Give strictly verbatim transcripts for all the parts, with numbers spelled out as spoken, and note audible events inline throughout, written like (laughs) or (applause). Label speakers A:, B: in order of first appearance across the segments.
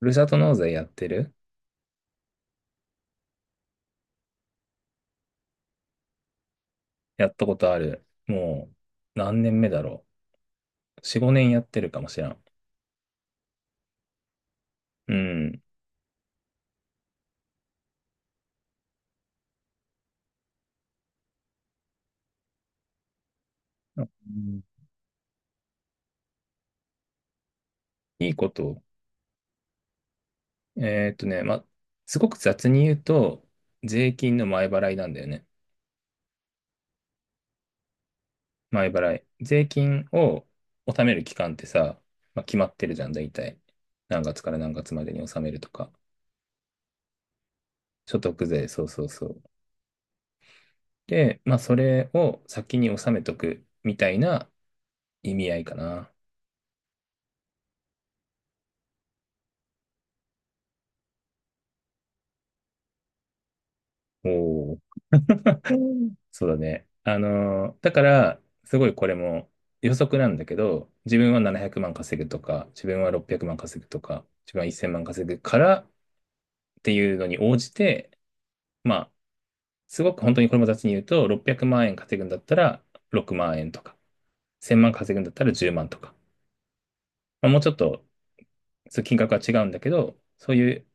A: ふるさと納税やってる。やったことある。もう、何年目だろう。よん、ごねんやってるかもしらん。うん。あうん。いいこと。えーっとね、ま、すごく雑に言うと、税金の前払いなんだよね。前払い。税金を納める期間ってさ、まあ、決まってるじゃん、大体。何月から何月までに納めるとか。所得税、そうそうそう。で、まあ、それを先に納めとくみたいな意味合いかな。お (laughs) そうだね。あのー、だから、すごいこれも予測なんだけど、自分はななひゃくまん稼ぐとか、自分はろっぴゃくまん稼ぐとか、自分はいっせんまん稼ぐからっていうのに応じて、まあ、すごく本当にこれも雑に言うと、ろっぴゃくまん円稼ぐんだったらろくまん円とか、いっせんまん稼ぐんだったらじゅうまんとか、まあ、もうちょっとそう金額は違うんだけど、そういう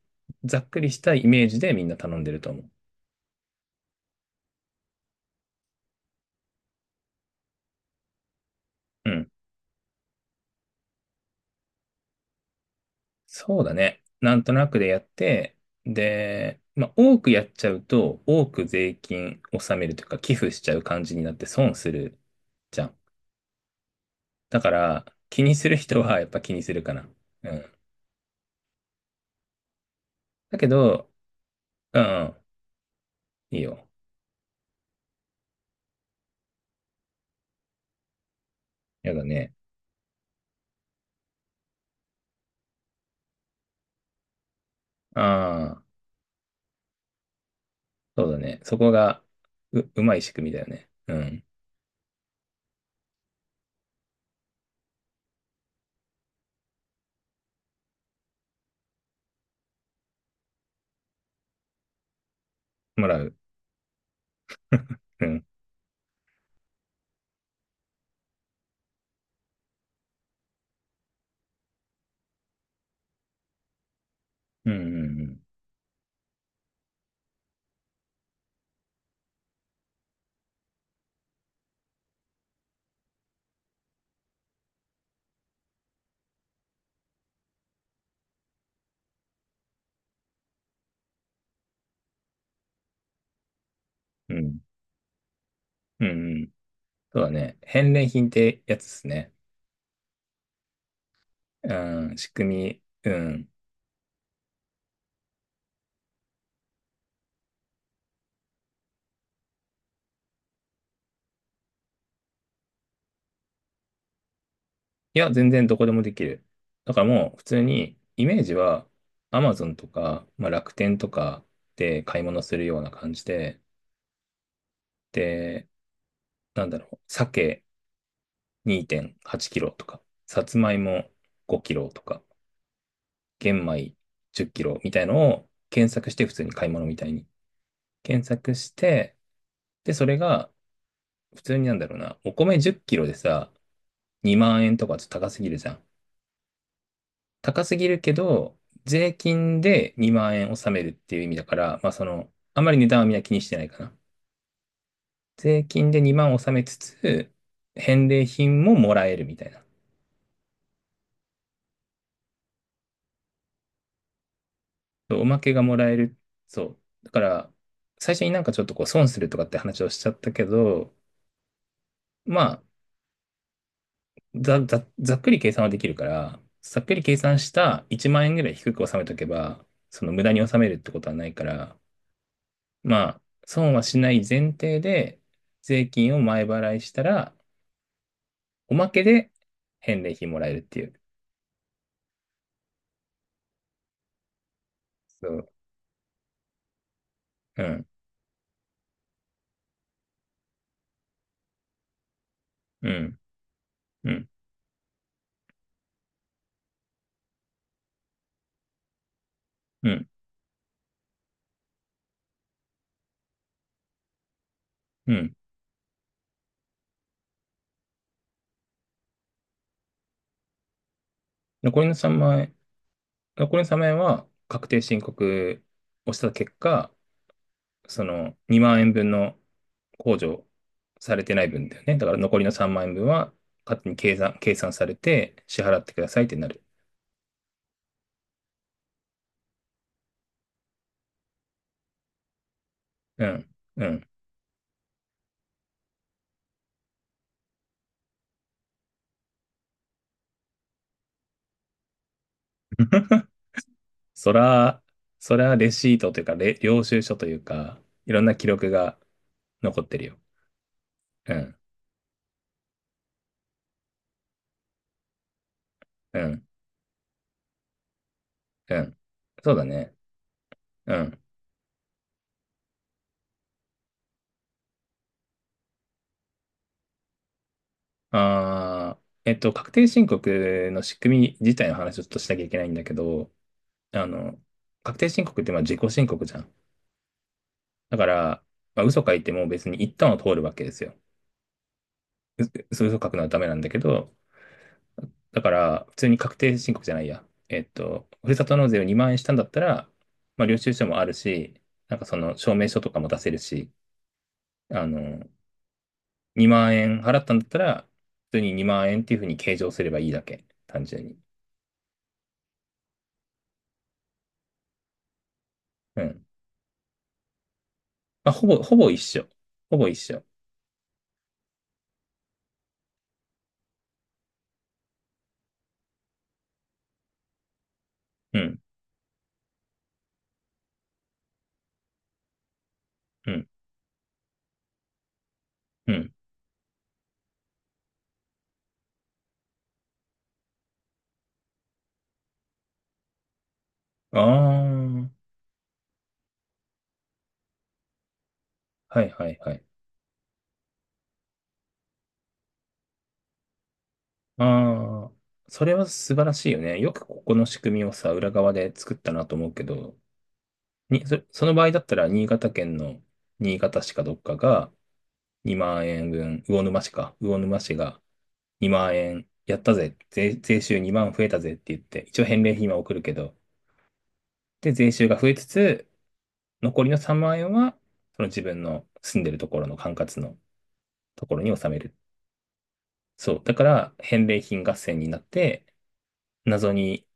A: ざっくりしたイメージでみんな頼んでると思う。うん。そうだね。なんとなくでやって、で、まあ、多くやっちゃうと、多く税金納めるというか、寄付しちゃう感じになって損するじゃん。だから、気にする人はやっぱ気にするかな。うん。だけど、うん、いいよ。やだね。ああ、そうだね。そこが、う、うまい仕組みだよね。うん。もらう。うん。うん、うん、うん。うん、うん。うん、そうだね。返礼品ってやつですね。うん、仕組み。うん。いや、全然どこでもできる。だからもう普通にイメージは Amazon とか、まあ、楽天とかで買い物するような感じで、で、なんだろう、鮭にてんはちキロとか、さつまいもごキロとか、玄米じゅっキロみたいのを検索して普通に買い物みたいに検索して、で、それが普通になんだろうな、お米じゅっキロでさ、にまん円とかちょっと高すぎるじゃん。高すぎるけど、税金でにまん円納めるっていう意味だから、まあその、あまり値段はみんな気にしてないかな。税金でにまん納めつつ、返礼品ももらえるみたいな。そう、おまけがもらえる。そう。だから、最初になんかちょっとこう損するとかって話をしちゃったけど、まあ、ざ、ざ、ざっくり計算はできるから、ざっくり計算したいちまん円ぐらい低く納めとけば、その無駄に納めるってことはないから、まあ、損はしない前提で、税金を前払いしたら、おまけで返礼品もらえるっていう。そう。うん、うん、うん、うん、うん。残りのさんまん円、残りのさんまん円は確定申告をした結果、そのにまん円分の控除されてない分だよね。だから残りのさんまん円分は勝手に計算、計算されて支払ってくださいってなる。うん、うん。(laughs) そら、そらレシートというか、れ領収書というか、いろんな記録が残ってるよ。うん、うん、うん。そうだね。うん。あー、えっと、確定申告の仕組み自体の話をちょっとしなきゃいけないんだけど、あの、確定申告ってまあ自己申告じゃん。だから、まあ、嘘書いても別に一旦は通るわけですよ。う嘘書くのはダメなんだけど、だから、普通に確定申告じゃないや。えっと、ふるさと納税をにまん円したんだったら、まあ、領収書もあるし、なんかその証明書とかも出せるし、あの、にまん円払ったんだったら、普通ににまん円っていうふうに計上すればいいだけ。単純に。うん。まあ、ほぼ、ほぼ一緒。ほぼ一緒。うん、うん、うん。ああ、はいはいはい。ああ、それは素晴らしいよね。よくここの仕組みをさ、裏側で作ったなと思うけど、に、そ、その場合だったら、新潟県の新潟市かどっかがにまん円分、魚沼市か、魚沼市がにまん円やったぜ、税、税収にまん増えたぜって言って、一応返礼品は送るけど、で、税収が増えつつ、残りのさんまん円は、その自分の住んでるところの管轄のところに納める。そう。だから、返礼品合戦になって、謎に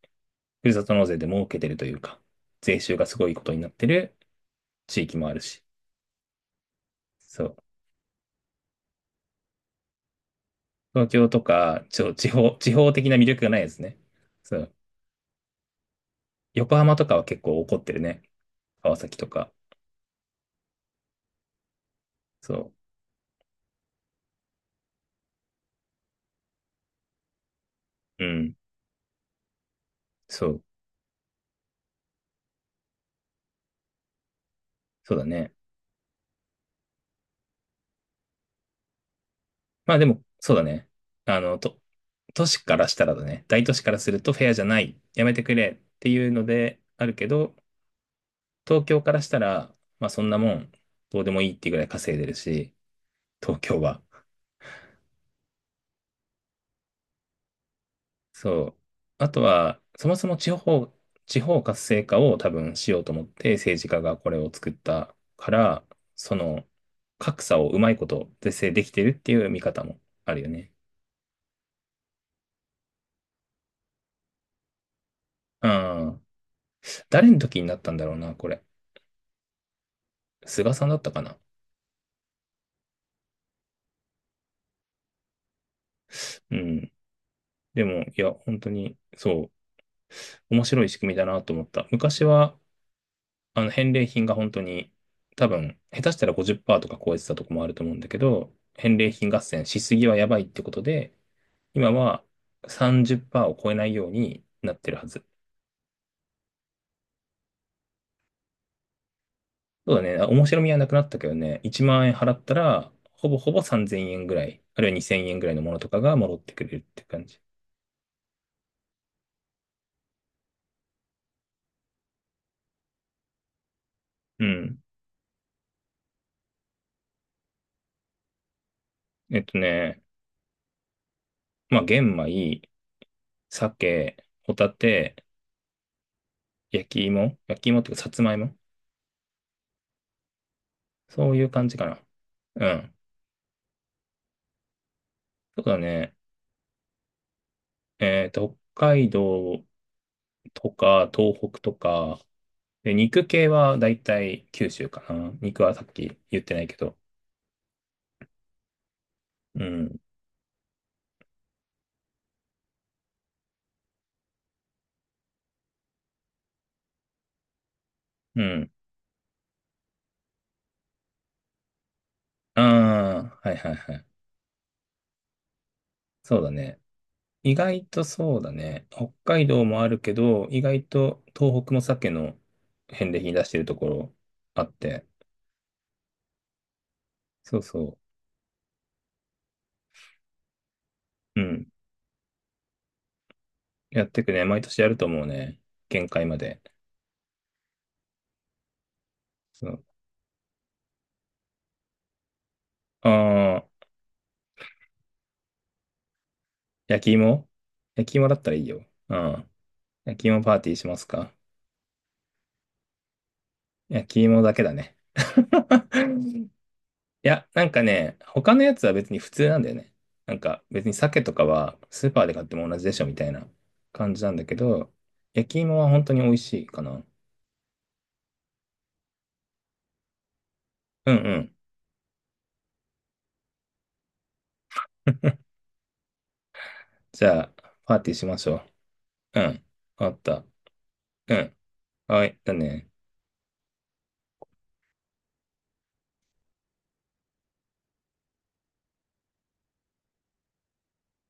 A: ふるさと納税で儲けてるというか、税収がすごいことになってる地域もあるし。そう。東京とか、ちょ、地方、地方的な魅力がないですね。そう。横浜とかは結構怒ってるね。川崎とか。そう。うん。そう。そうだね。まあでも、そうだね。あの、と、都市からしたらだね。大都市からするとフェアじゃない。やめてくれっていうのであるけど、東京からしたら、まあそんなもん、どうでもいいっていうぐらい稼いでるし、東京は。そう。あとは、そもそも地方、地方活性化を多分しようと思って政治家がこれを作ったから、その格差をうまいこと是正できてるっていう見方もあるよね。うん。誰の時になったんだろうな、これ。菅さんだったかな。うん。でも、いや、本当に、そう、面白い仕組みだなと思った。昔は、あの、返礼品が本当に、多分、下手したらごじゅっパーセントとか超えてたとこもあると思うんだけど、返礼品合戦しすぎはやばいってことで、今はさんじゅっパーセントを超えないようになってるはず。そうだね。あ面白みはなくなったけどね。いちまん円払ったら、ほぼほぼさんぜんえんぐらい、あるいはにせんえんぐらいのものとかが戻ってくれるって感じ。うん。えっとね、まあ、玄米、鮭、ホタテ、焼き芋、焼き芋っていうか、さつまいも。そういう感じかな。うん。そうだね。えっと、北海道とか、東北とか、で、肉系はだいたい九州かな。肉はさっき言ってないけど。うん。うん。ああ、はいはいはい。そうだね。意外とそうだね。北海道もあるけど、意外と東北も鮭の返礼品出してるところあって。そうそう。うん。やってくね。毎年やると思うね。限界まで。そう。ああ、焼き芋焼き芋だったらいいよ。うん。焼き芋パーティーしますか？焼き芋だけだね。(laughs) いや、なんかね、他のやつは別に普通なんだよね。なんか別に鮭とかはスーパーで買っても同じでしょみたいな感じなんだけど、焼き芋は本当に美味しいかな。うんうん。(laughs) じゃあ、パーティーしましょう。うん。わかった。うん。はい。だね。